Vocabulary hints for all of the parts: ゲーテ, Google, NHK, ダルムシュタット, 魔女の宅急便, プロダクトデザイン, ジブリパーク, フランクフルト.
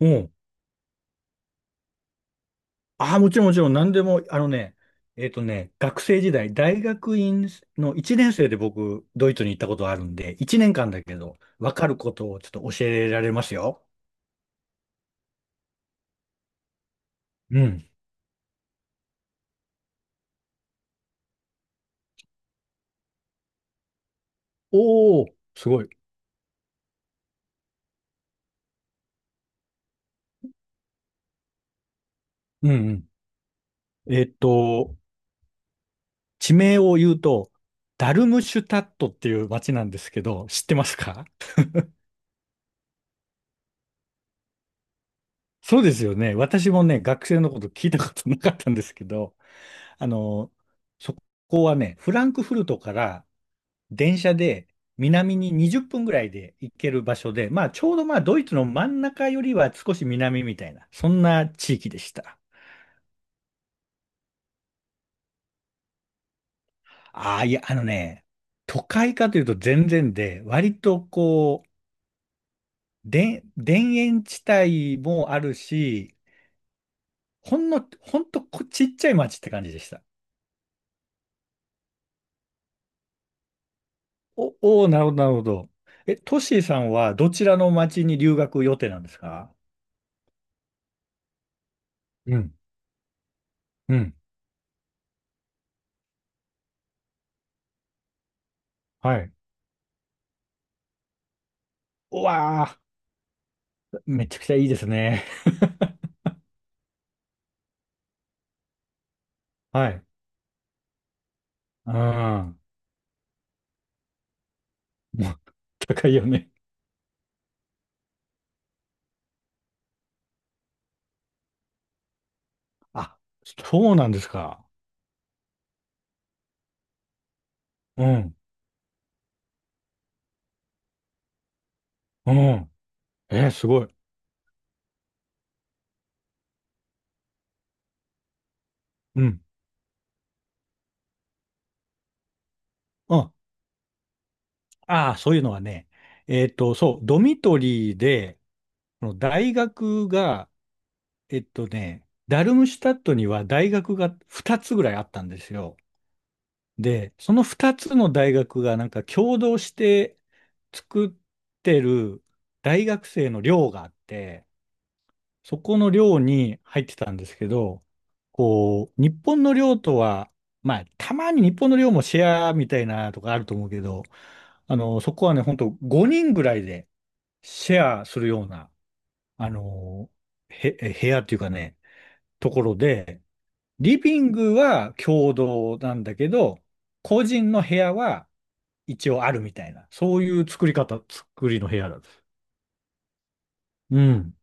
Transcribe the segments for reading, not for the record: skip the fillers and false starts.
うん。ああ、もちろんもちろん、何でも、学生時代、大学院の1年生で僕、ドイツに行ったことあるんで、1年間だけど、わかることをちょっと教えられますよ。うん。おー、すごい。うんうん。えっと、地名を言うと、ダルムシュタットっていう街なんですけど、知ってますか？そうですよね。私もね、学生のこと聞いたことなかったんですけど、あの、そこはね、フランクフルトから電車で南に20分ぐらいで行ける場所で、まあちょうどまあドイツの真ん中よりは少し南みたいな、そんな地域でした。ああ、いや、都会かというと全然で、割とこう、で、田園地帯もあるし、ほんとこちっちゃい町って感じでした。おお、なるほど、なるほど。え、トッシーさんはどちらの町に留学予定なんですか？うん、うん、はい、うわあ、めちゃくちゃいいですね。はい。うん。もう、高いよね。あ、そうなんですか。うん。うん。えーすごい。うん。うん。ああ、そういうのはね、そう、ドミトリーで、この大学が、ダルムシュタットには大学が2つぐらいあったんですよ。で、その2つの大学がなんか共同して作ってる大学生の寮があって、そこの寮に入ってたんですけど、こう、日本の寮とは、まあ、たまに日本の寮もシェアみたいなとかあると思うけど、そこはね、ほんと5人ぐらいでシェアするような、あの、へ、部屋っていうかね、ところで、リビングは共同なんだけど、個人の部屋は一応あるみたいな、そういう作りの部屋だった。うん。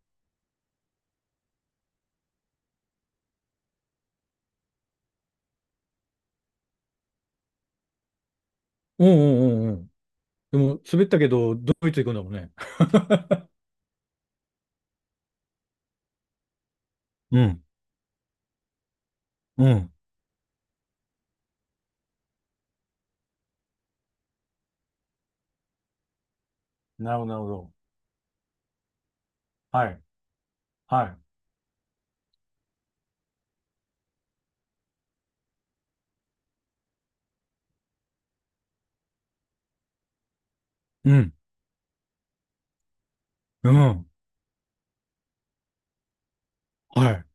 うんうんうんうん。でも、滑ったけど、ドイツ行くんだもんね。うん。うん、なるほど、なるほど。はい、はい、うん、うん、はい、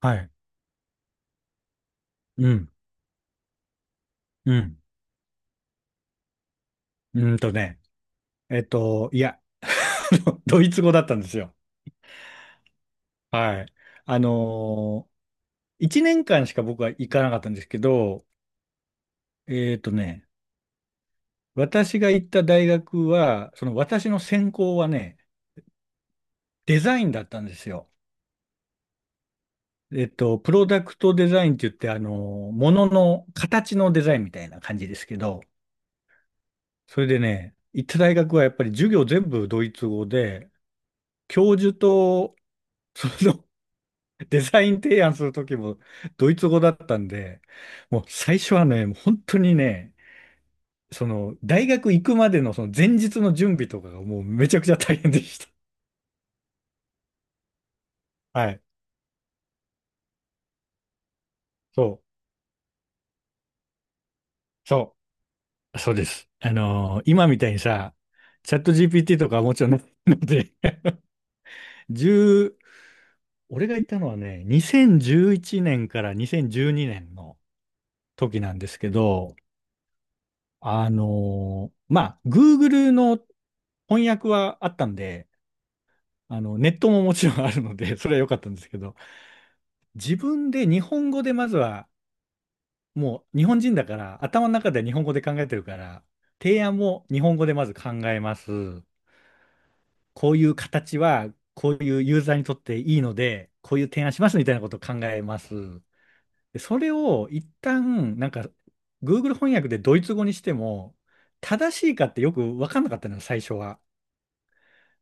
はい、うん、うん、うんとね、いや、ドイツ語だったんですよ。はい。あのー一年間しか僕は行かなかったんですけど、えっとね、私が行った大学は、その私の専攻はね、デザインだったんですよ。プロダクトデザインって言って、ものの形のデザインみたいな感じですけど、それでね、行った大学はやっぱり授業全部ドイツ語で、教授とその デザイン提案するときもドイツ語だったんで、もう最初はね、もう本当にね、その大学行くまでのその前日の準備とかがもうめちゃくちゃ大変でした。はい。そう、そう、そうです。今みたいにさ、チャット GPT とかはもちろんないので、十俺が行ったのはね、2011年から2012年の時なんですけど、まあ、Google の翻訳はあったんで、ネットももちろんあるので、それは良かったんですけど、自分で日本語でまずは、もう日本人だから、頭の中で日本語で考えてるから、提案も日本語でまず考えます。こういう形は、こういうユーザーにとっていいので、こういう提案しますみたいなことを考えます。で、それを一旦、なんか、Google 翻訳でドイツ語にしても、正しいかってよく分かんなかったのよ、最初は。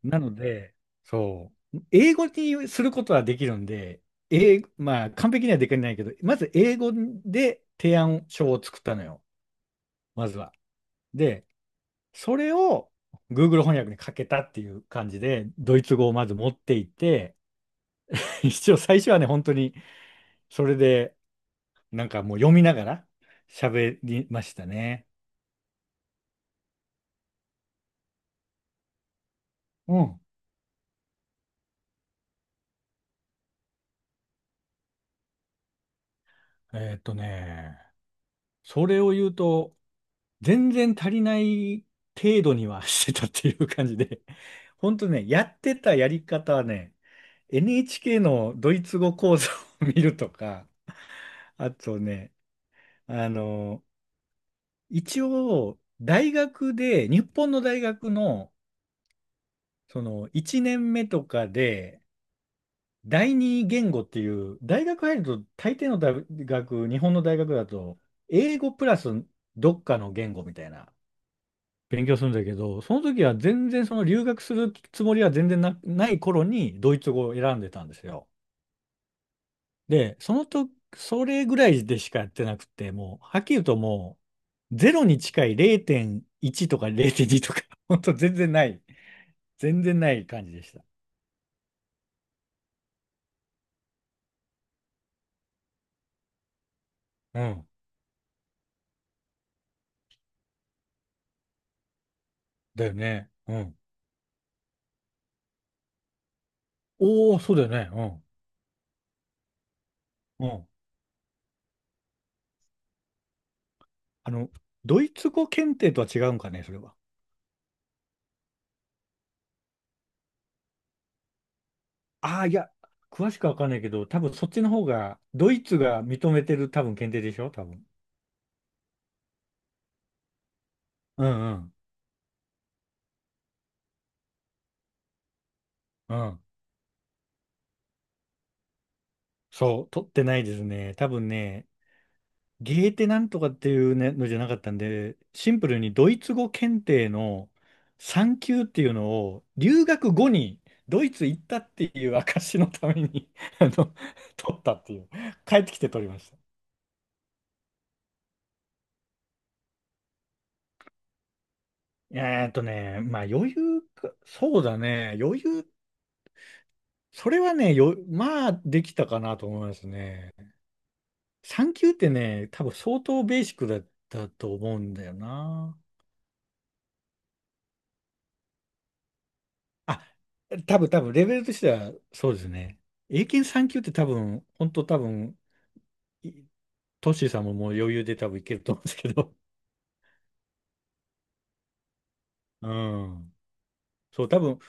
なので、そう、英語にすることはできるんで、まあ、完璧にはできないけど、まず英語で提案書を作ったのよ、まずは。で、それを Google 翻訳にかけたっていう感じで、ドイツ語をまず持っていって、一応最初はね、本当にそれで、なんかもう読みながら喋りましたね。うん。えーっとね、それを言うと、全然足りない程度には してたっていう感じで、本当ね、やってたやり方はね、NHK のドイツ語講座を 見るとか、あとね、あの、一応、大学で、日本の大学の、その、1年目とかで、第二言語っていう、大学入ると、大抵の大学、日本の大学だと、英語プラスどっかの言語みたいな勉強するんだけど、その時は全然その留学するつもりは全然な、ない頃にドイツ語を選んでたんですよ。で、そのと、それぐらいでしかやってなくて、もう、はっきり言うともう、ゼロに近い0.1とか0.2とか、ほんと全然ない、全然ない感じでした。うん。だよね。うん。おお、そうだよね。うん。うん。あの、ドイツ語検定とは違うんかね、それは。ああ、いや、詳しくはわかんないけど、多分そっちの方が、ドイツが認めてる多分検定でしょ、多分。うんうん。うん。そう、取ってないですね。多分ね、ゲーテなんとかっていうねのじゃなかったんで、シンプルにドイツ語検定の3級っていうのを、留学後にドイツ行ったっていう証のために あの、取ったっていう。帰ってきて取りました。まあ余裕か、そうだね、余裕、それはね、まあできたかなと思いますね。3級ってね、多分相当ベーシックだったと思うんだよな。あ、多分レベルとしてはそうですね。英検3級って多分、本当多分、いトッシーさんももう余裕で多分いけると思うんですけど。うん。そう、多分、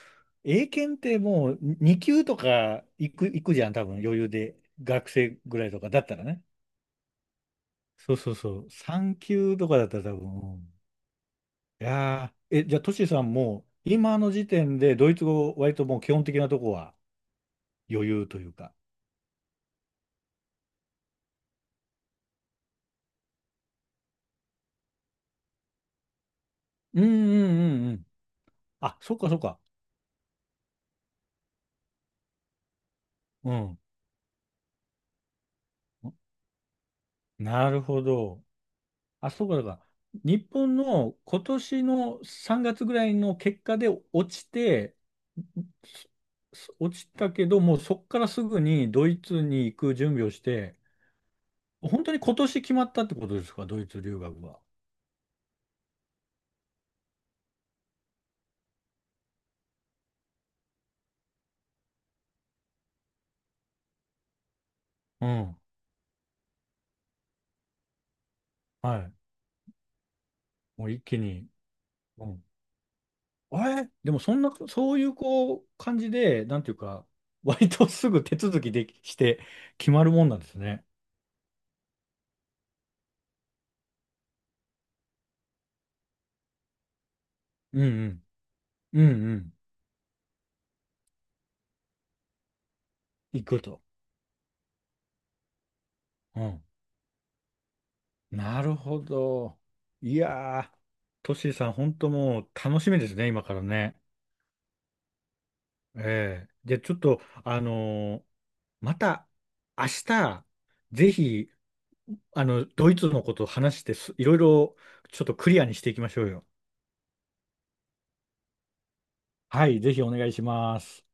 英検ってもう2級とか行くじゃん、多分余裕で。学生ぐらいとかだったらね。そうそうそう。3級とかだったら多分。うんいやー、え、じゃあトシーさんも今の時点でドイツ語割ともう基本的なとこは余裕というか。うんうんうんうん。あ、そっかそっか。うん。なるほど。あ、そうか、だから、日本の今年の3月ぐらいの結果で落ちて、落ちたけど、もうそこからすぐにドイツに行く準備をして、本当に今年決まったってことですか、ドイツ留学は。うん。はい。もう一気に。うん。あれでもそんな、そういうこう感じで、なんていうか、割とすぐ手続きできして決まるもんなんですね。うんうん。うんうん。行くと。うん。なるほど。いやー、トシさん、本当もう楽しみですね、今からね。ええ。で、ちょっと、ーまた明日、ぜひ、ドイツのことを話していろいろちょっとクリアにしていきましょうよ。はい、ぜひお願いします。